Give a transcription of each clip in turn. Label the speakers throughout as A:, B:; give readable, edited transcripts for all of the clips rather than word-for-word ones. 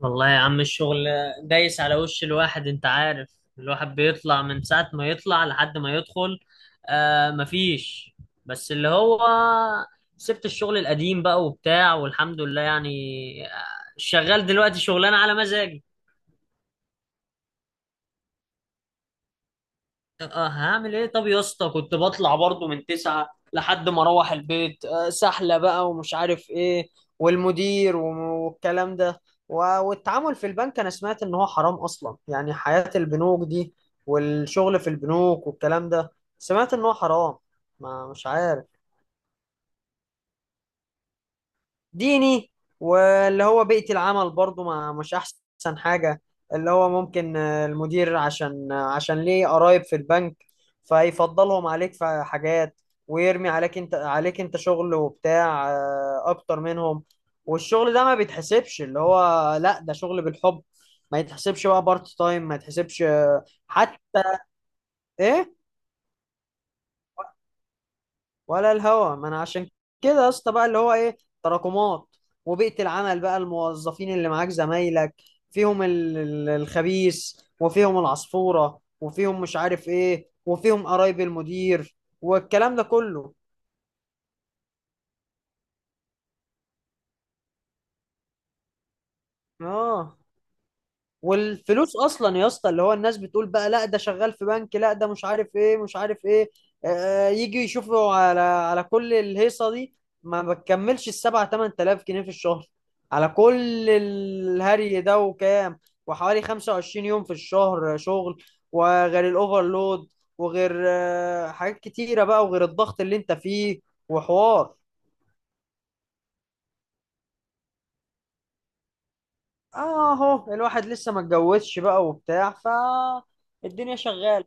A: والله يا عم، الشغل دايس على وش الواحد، انت عارف. الواحد بيطلع من ساعة ما يطلع لحد ما يدخل. آه، مفيش. بس اللي هو، سبت الشغل القديم بقى وبتاع والحمد لله يعني. آه، شغال دلوقتي شغلانة على مزاجي. اه، هعمل ايه؟ طب يا اسطى كنت بطلع برضو من 9 لحد ما اروح البيت، سحلة بقى ومش عارف ايه. والمدير والكلام ده، والتعامل في البنك. انا سمعت ان هو حرام اصلا، يعني حياة البنوك دي والشغل في البنوك والكلام ده، سمعت ان هو حرام. ما مش عارف. ديني. واللي هو بيئة العمل برضو، ما مش أحسن حاجة. اللي هو ممكن المدير، عشان عشان ليه قرايب في البنك، فيفضلهم عليك في حاجات، ويرمي عليك انت شغل وبتاع أكتر منهم. والشغل ده ما بيتحسبش، اللي هو لا، ده شغل بالحب، ما يتحسبش بقى بارت تايم، ما يتحسبش حتى. ايه؟ ولا الهوا. ما انا عشان كده يا اسطى بقى، اللي هو ايه، تراكمات، وبيئة العمل بقى، الموظفين اللي معاك، زمايلك، فيهم الخبيث، وفيهم العصفورة، وفيهم مش عارف ايه، وفيهم قرايب المدير، والكلام ده كله. اه، والفلوس اصلا يا اسطى، اللي هو الناس بتقول بقى لا، ده شغال في بنك، لا، ده مش عارف ايه مش عارف ايه. يجي يشوفوا على كل الهيصه دي، ما بتكملش الـ7 أو 8 تلاف جنيه في الشهر، على كل الهري ده، وكام؟ وحوالي 25 يوم في الشهر شغل، وغير الاوفرلود، وغير حاجات كتيره بقى، وغير الضغط اللي انت فيه، وحوار. اهو الواحد لسه ما اتجوزش بقى وبتاع، ف الدنيا شغاله.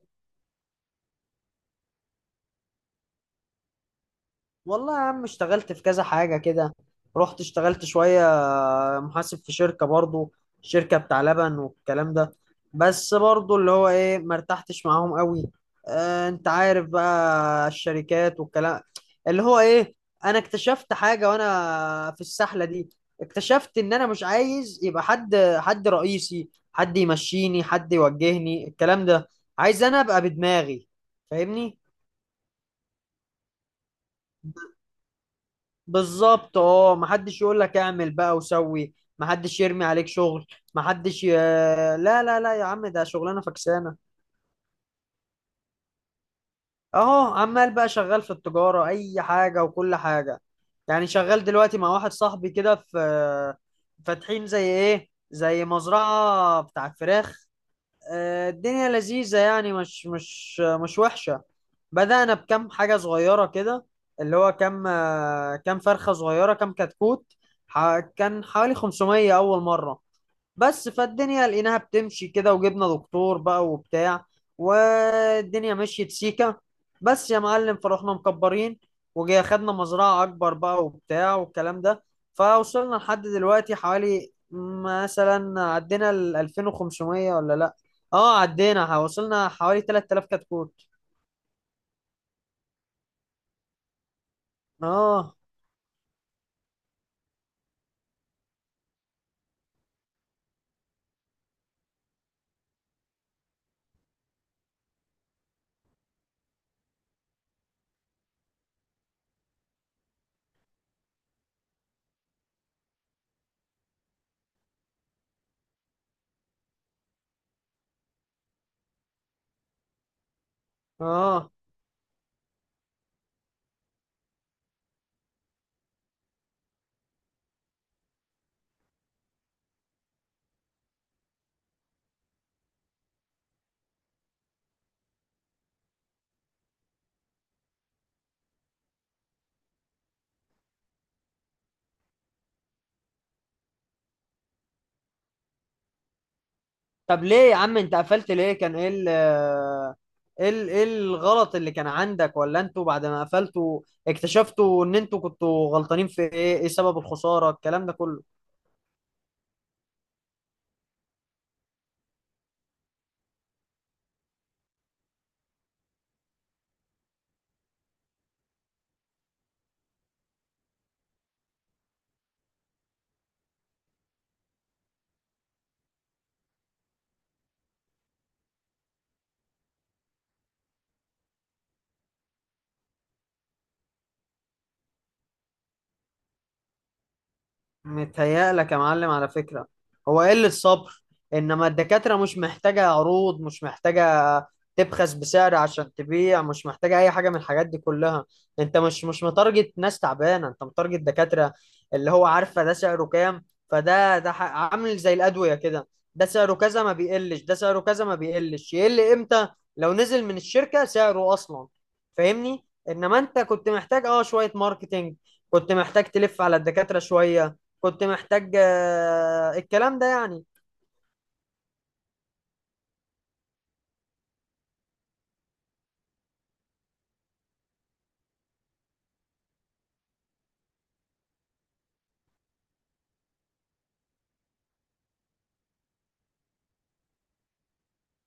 A: والله يا عم اشتغلت في كذا حاجة كده. رحت اشتغلت شوية محاسب في شركة برضو، شركة بتاع لبن والكلام ده. بس برضو اللي هو ايه، ما ارتحتش معاهم قوي. اه، انت عارف بقى الشركات والكلام. اللي هو ايه، انا اكتشفت حاجة وانا في السحلة دي. اكتشفت ان انا مش عايز يبقى حد رئيسي، حد يمشيني، حد يوجهني، الكلام ده. عايز انا ابقى بدماغي. فاهمني؟ بالظبط، اه. محدش يقول لك اعمل بقى وسوي، محدش يرمي عليك شغل، محدش ي... لا لا لا يا عم، ده شغلانه فكسانه. اهو عمال بقى شغال في التجاره، اي حاجه وكل حاجه. يعني شغال دلوقتي مع واحد صاحبي كده في، فاتحين زي ايه، زي مزرعه بتاعت فراخ. الدنيا لذيذة يعني، مش وحشة. بدأنا بكم حاجة صغيرة كده، اللي هو كم كم فرخة صغيرة، كم كتكوت. كان حوالي 500 أول مرة. بس فالدنيا لقيناها بتمشي كده، وجبنا دكتور بقى وبتاع، والدنيا مشيت سيكة. بس يا معلم فرحنا مكبرين، وجي خدنا مزرعة أكبر بقى وبتاع والكلام ده. فوصلنا لحد دلوقتي حوالي مثلا عدينا ال 2500، ولا لأ، اه عدينا، وصلنا حوالي 3000 كتكوت. اه. اه، طب ليه يا عم انت قفلت؟ ليه؟ كان ايه ال ايه الغلط اللي كان عندك؟ ولا انتوا بعد ما قفلتوا اكتشفتوا ان انتوا كنتوا غلطانين في ايه؟ ايه سبب الخسارة، الكلام ده كله؟ متهيألك يا معلم على فكرة، هو قلة الصبر. إنما الدكاترة مش محتاجة عروض، مش محتاجة تبخس بسعر عشان تبيع، مش محتاجة أي حاجة من الحاجات دي كلها. أنت مش متارجت ناس تعبانة، أنت متارجت دكاترة، اللي هو عارفة ده سعره كام. فده عامل زي الأدوية كده، ده سعره كذا ما بيقلش، ده سعره كذا ما بيقلش. يقل إمتى؟ لو نزل من الشركة سعره أصلا. فاهمني؟ إنما أنت كنت محتاج أه شوية ماركتينج، كنت محتاج تلف على الدكاترة شوية، كنت محتاج الكلام ده يعني.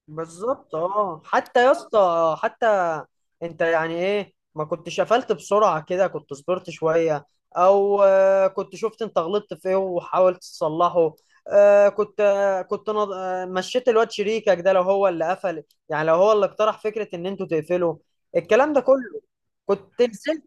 A: بالظبط، اه. حتى يا اسطى، حتى انت يعني ايه ما كنتش قفلت بسرعة كده، كنت صبرت شوية، او كنت شفت انت غلطت في ايه وحاولت تصلحه. آه، كنت آه، كنت نض- آه، مشيت الواد شريكك ده لو هو اللي قفل، يعني لو هو اللي اقترح فكرة ان انتوا تقفلوا، الكلام ده كله، كنت نزلت.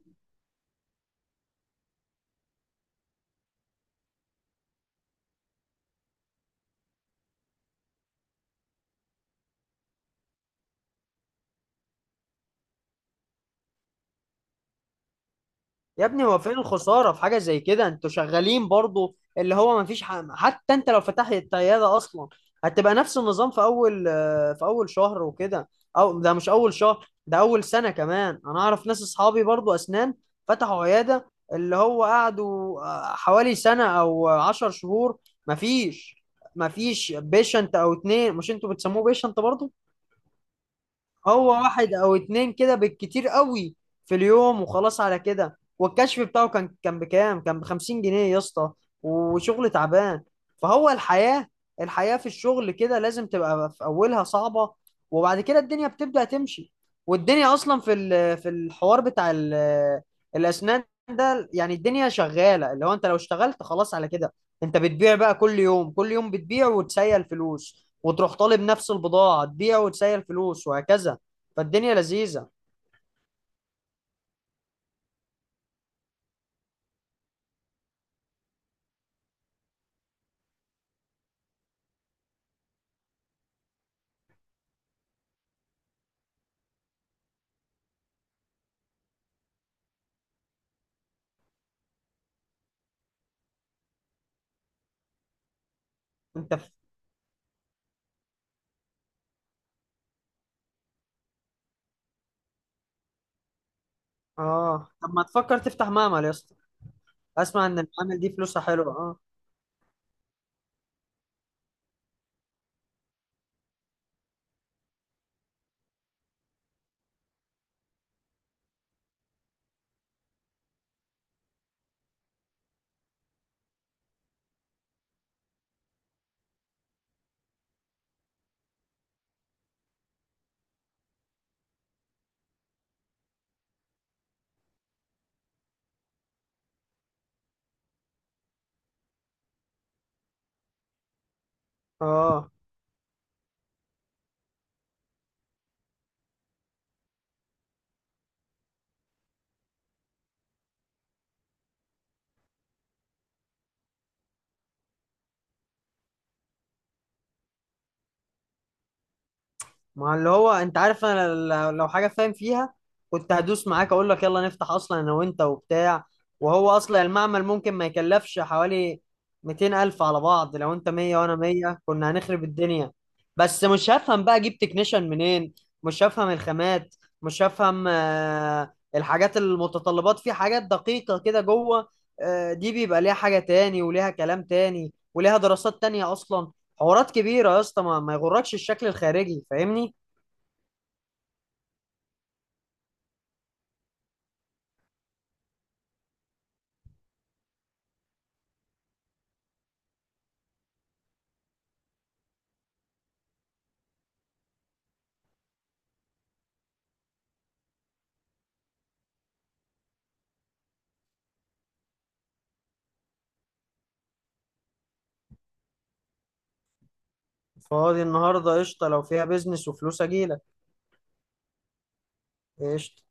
A: يا ابني هو فين الخسارة في حاجة زي كده؟ انتوا شغالين برضو، اللي هو مفيش ح... حتى انت لو فتحت عيادة اصلا، هتبقى نفس النظام في اول في اول شهر وكده. او ده مش اول شهر، ده اول سنة كمان. انا اعرف ناس اصحابي برضو اسنان، فتحوا عيادة، اللي هو قعدوا حوالي سنة او 10 شهور، مفيش. مفيش بيشنت او اتنين. مش انتوا بتسموه بيشنت برضو؟ هو واحد او اتنين كده بالكتير قوي في اليوم وخلاص، على كده. والكشف بتاعه كان بكام؟ كان بـ50 جنيه يا اسطى، وشغل تعبان. فهو الحياة، الحياة في الشغل كده لازم تبقى في اولها صعبة، وبعد كده الدنيا بتبدأ تمشي. والدنيا اصلا في في الحوار بتاع الاسنان ده، يعني الدنيا شغالة، اللي هو انت لو اشتغلت خلاص على كده، انت بتبيع بقى كل يوم، كل يوم بتبيع وتسيل فلوس، وتروح طالب نفس البضاعة، تبيع وتسيل فلوس، وهكذا. فالدنيا لذيذة. انت ف... اه، طب ما تفكر تفتح معمل يا اسطى؟ اسمع ان المعامل دي فلوسها حلوة، اه. اه، ما اللي هو انت عارف انا، لو حاجه فاهم فيها كنت هدوس معاك اقول لك يلا نفتح اصلا، انا وانت وبتاع. وهو اصلا المعمل ممكن ما يكلفش حوالي 200 الف على بعض. لو انت 100 وانا 100، كنا هنخرب الدنيا. بس مش هفهم بقى، اجيب تكنيشن منين؟ مش هفهم الخامات، مش هفهم الحاجات المتطلبات في حاجات دقيقه كده جوه. دي بيبقى ليها حاجه تاني وليها كلام تاني، وليها دراسات تانية اصلا. حوارات كبيره يا اسطى، ما يغركش الشكل الخارجي، فاهمني؟ فاضي النهارده قشطه، لو فيها بيزنس وفلوس اجيلك. قشطه